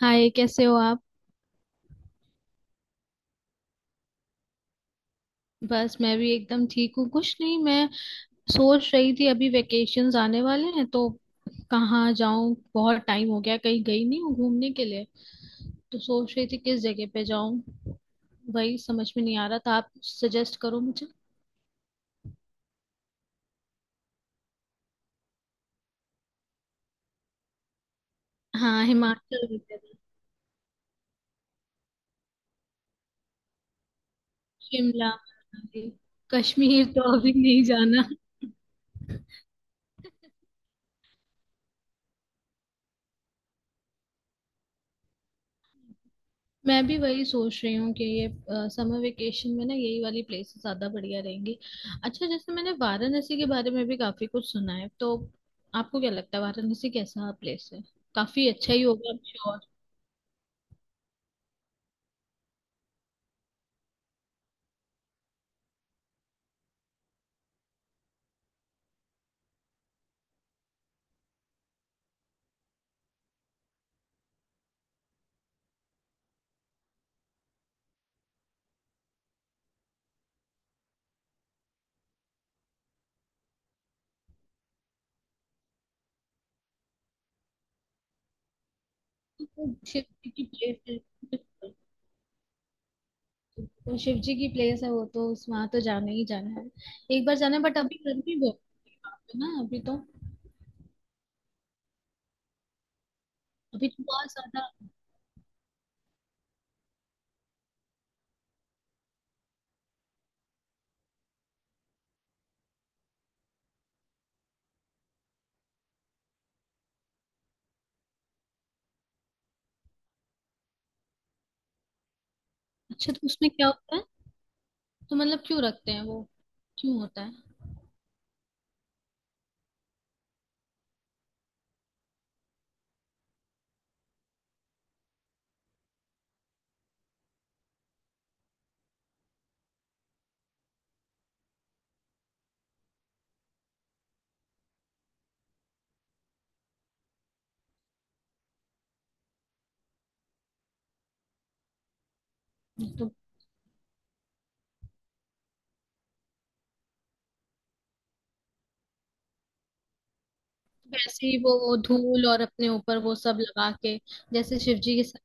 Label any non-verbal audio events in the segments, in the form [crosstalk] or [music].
हाय, कैसे हो आप। बस मैं भी एकदम ठीक हूँ। कुछ नहीं, मैं सोच रही थी अभी वेकेशंस आने वाले हैं तो कहाँ जाऊँ। बहुत टाइम हो गया, कहीं गई नहीं हूँ घूमने के लिए, तो सोच रही थी किस जगह पे जाऊँ। वही समझ में नहीं आ रहा था, आप सजेस्ट करो मुझे। हाँ, हिमाचल वगैरह। शिमला मनाली। कश्मीर तो अभी नहीं जाना। मैं भी वही सोच रही हूँ कि ये समर वेकेशन में ना यही वाली प्लेसेस ज्यादा बढ़िया रहेंगी। अच्छा, जैसे मैंने वाराणसी के बारे में भी काफी कुछ सुना है, तो आपको क्या लगता है वाराणसी कैसा प्लेस है। काफी अच्छा ही होगा श्योर। शिव जी की प्लेस है, तो शिव जी की प्लेस है वो तो, उस वहां तो जाना ही जाना है। एक बार जाना है, बट अभी गर्मी बहुत है वहाँ पे ना अभी तो। अभी तो बहुत ज्यादा। अच्छा, तो उसमें क्या होता है। तो मतलब क्यों रखते हैं वो, क्यों होता है। तो वैसे ही वो धूल और अपने ऊपर वो सब लगा के, जैसे शिव जी के साथ।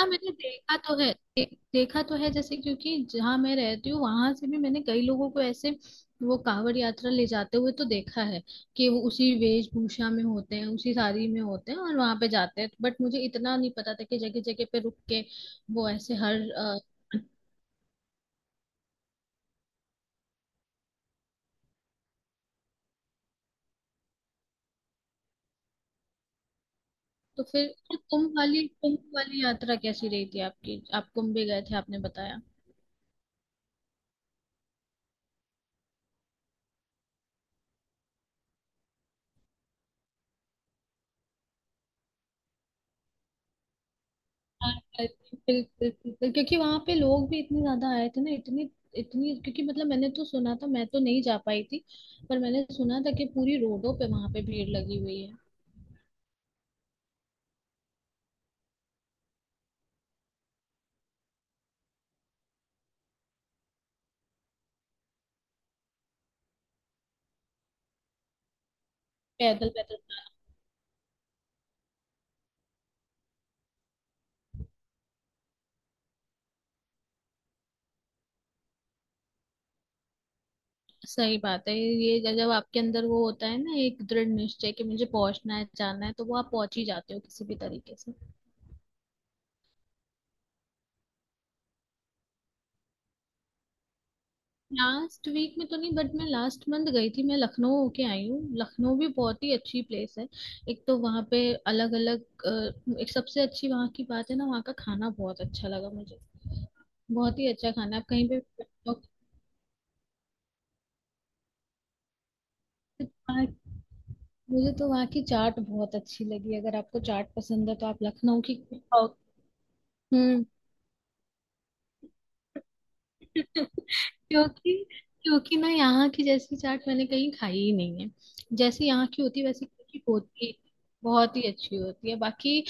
हाँ, मैंने देखा तो है देखा तो है। जैसे, क्योंकि जहाँ मैं रहती हूँ वहां से भी मैंने कई लोगों को ऐसे वो कांवड़ यात्रा ले जाते हुए तो देखा है कि वो उसी वेशभूषा में होते हैं, उसी साड़ी में होते हैं और वहां पे जाते हैं। बट मुझे इतना नहीं पता था कि जगह जगह पे रुक के वो ऐसे हर तो फिर कुंभ वाली यात्रा कैसी रही थी आपकी। आप कुंभ भी गए थे आपने बताया। हाँ, बिल्कुल बिल्कुल, क्योंकि वहां पे लोग भी इतने ज्यादा आए थे ना, इतनी इतनी क्योंकि, मतलब मैंने तो सुना था, मैं तो नहीं जा पाई थी, पर मैंने सुना था कि पूरी रोडों पे वहां पे भीड़ लगी हुई है। पैदल पैदल। सही बात है ये, जब जब आपके अंदर वो होता है ना एक दृढ़ निश्चय कि मुझे पहुंचना है, जाना है, तो वो आप पहुंच ही जाते हो किसी भी तरीके से। लास्ट वीक में तो नहीं बट मैं लास्ट मंथ गई थी, मैं लखनऊ होके आई हूँ। लखनऊ भी बहुत ही अच्छी प्लेस है। एक तो वहाँ पे अलग अलग, एक सबसे अच्छी वहाँ की बात है ना, वहाँ का खाना बहुत अच्छा लगा मुझे। बहुत ही अच्छा खाना है। आप कहीं पे मुझे तो वहाँ की चाट बहुत अच्छी लगी। अगर आपको चाट पसंद है तो आप लखनऊ की खाओ। हम्म। क्योंकि क्योंकि ना यहाँ की जैसी चाट मैंने कहीं खाई ही नहीं है। जैसे यहाँ की होती है वैसे की होती, बहुत ही अच्छी होती है। बाकी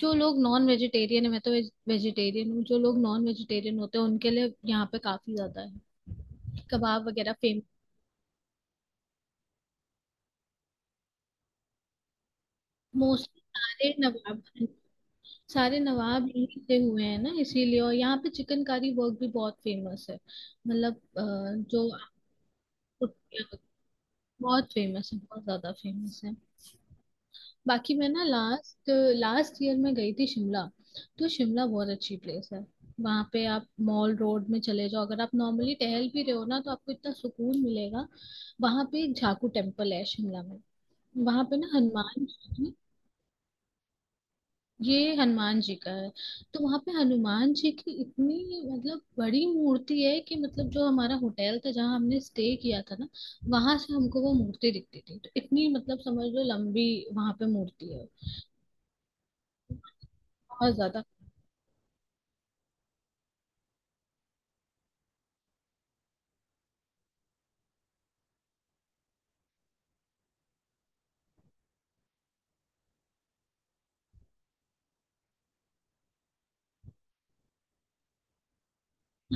जो लोग नॉन वेजिटेरियन है, मैं तो वेजिटेरियन हूँ, जो लोग नॉन वेजिटेरियन होते हैं उनके लिए यहाँ पे काफी ज्यादा है, कबाब वगैरह फेमस। मोस्टली सारे नवाब, सारे नवाब यहीं से हुए हैं ना इसीलिए। और यहाँ पे चिकनकारी वर्क भी बहुत फेमस है, मतलब जो आपको बहुत फेमस है, बहुत ज्यादा फेमस है। बाकी मैं ना लास्ट लास्ट ईयर में गई थी शिमला, तो शिमला बहुत अच्छी प्लेस है। वहां पे आप मॉल रोड में चले जाओ, अगर आप नॉर्मली टहल भी रहे हो ना, तो आपको इतना सुकून मिलेगा। वहां पे एक झाकू टेम्पल है शिमला में। वहां पे ना हनुमान जी, ये हनुमान जी का है। तो वहां पे हनुमान जी की इतनी, मतलब बड़ी मूर्ति है कि, मतलब जो हमारा होटल था जहाँ हमने स्टे किया था ना, वहां से हमको वो मूर्ति दिखती थी। तो इतनी, मतलब समझ लो लंबी वहां पे मूर्ति है। बहुत ज्यादा।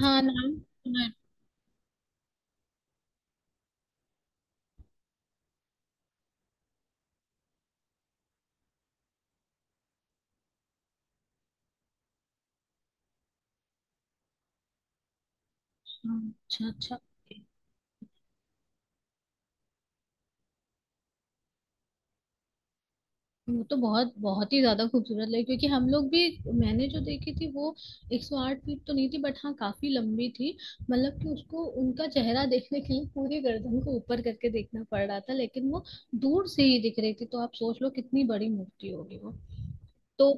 हाँ, नाम सुना है। अच्छा अच्छा, वो तो बहुत बहुत ही ज्यादा खूबसूरत लगी क्योंकि हम लोग भी, मैंने जो देखी थी वो 108 फीट तो नहीं थी, बट हाँ काफी लंबी थी। मतलब कि उसको, उनका चेहरा देखने के लिए पूरी गर्दन को ऊपर करके देखना पड़ रहा था, लेकिन वो दूर से ही दिख रही थी, तो आप सोच लो कितनी बड़ी मूर्ति होगी वो। तो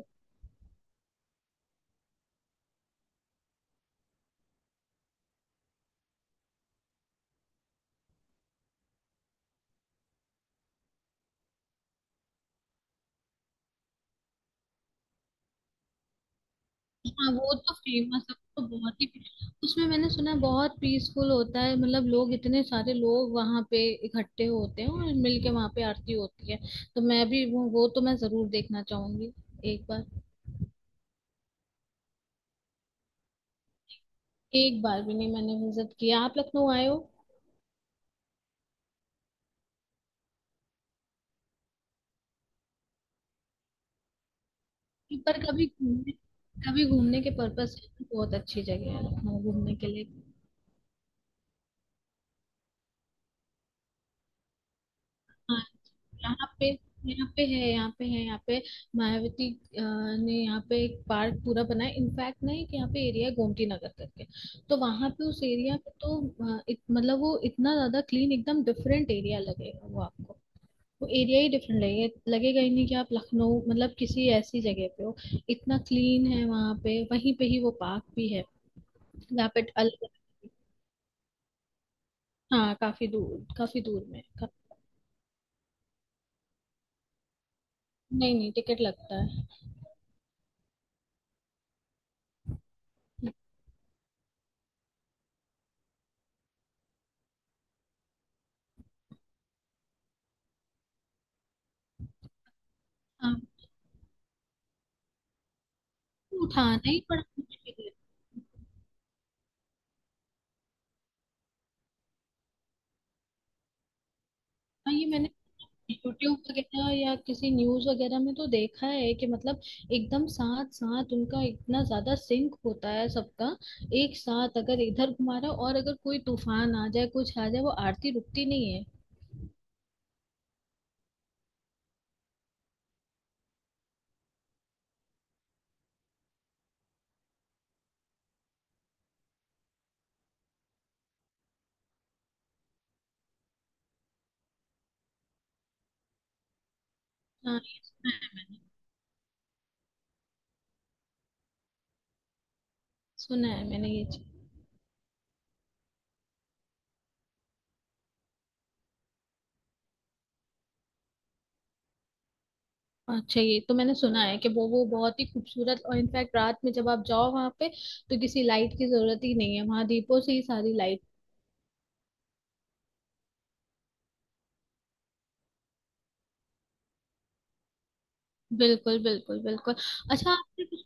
हाँ, वो तो फेमस है, वो तो बहुत ही। उसमें मैंने सुना है बहुत पीसफुल होता है, मतलब लोग, इतने सारे लोग वहां पे इकट्ठे होते हैं और मिलके वहां पे आरती होती है। तो मैं भी वो तो मैं जरूर देखना चाहूंगी एक बार। एक बार भी नहीं मैंने विजिट किया। आप लखनऊ आए हो? पर कभी घूमने के पर्पस से बहुत अच्छी जगह है लखनऊ घूमने के लिए। यहाँ पे, यहाँ पे है, यहाँ पे है। यहाँ पे मायावती अ, ने यहाँ पे एक पार्क पूरा बनाया। इनफैक्ट ना एक यहाँ पे एरिया है गोमती नगर करके, तो वहां पे उस एरिया पे तो मतलब वो इतना ज्यादा क्लीन, एकदम डिफरेंट एरिया लगेगा वो आपको। वो एरिया ही डिफरेंट लगेगा, लगेगा ही नहीं कि आप लखनऊ, मतलब किसी ऐसी जगह पे हो। इतना क्लीन है वहां पे। वहीं पे ही वो पार्क भी है, यहाँ पे अलग। हाँ, काफी दूर, काफी दूर में है। नहीं नहीं, टिकट लगता है। हाँ, उठाना ही बड़ा मुश्किल है। हाँ, ये मैंने यूट्यूब वगैरह या किसी न्यूज वगैरह में तो देखा है कि मतलब एकदम साथ साथ उनका इतना ज्यादा सिंक होता है सबका। एक साथ अगर इधर घुमा रहा है, और अगर कोई तूफान आ जाए, कुछ आ जाए, वो आरती रुकती नहीं है। हाँ ये सुना है, सुना है मैंने ये चीज। अच्छा, ये तो मैंने सुना है कि वो बहुत ही खूबसूरत, और इनफैक्ट रात में जब आप जाओ वहां पे तो किसी लाइट की जरूरत ही नहीं है, वहां दीपों से ही सारी लाइट। बिल्कुल बिल्कुल बिल्कुल। अच्छा, आपने कुछ।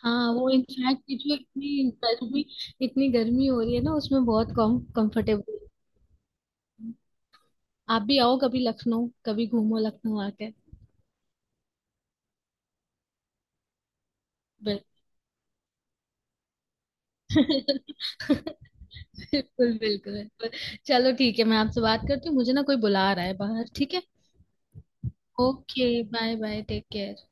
हाँ, वो इनफैक्ट ये जो इतनी गर्मी हो रही है ना, उसमें बहुत कम कंफर्टेबल। आप भी आओ कभी लखनऊ, कभी घूमो लखनऊ आके। बिल- [laughs] बिल्कुल बिल्कुल बिल्कुल। चलो ठीक है, मैं आपसे बात करती हूँ, मुझे ना कोई बुला रहा है बाहर। ठीक है, okay bye bye, take care.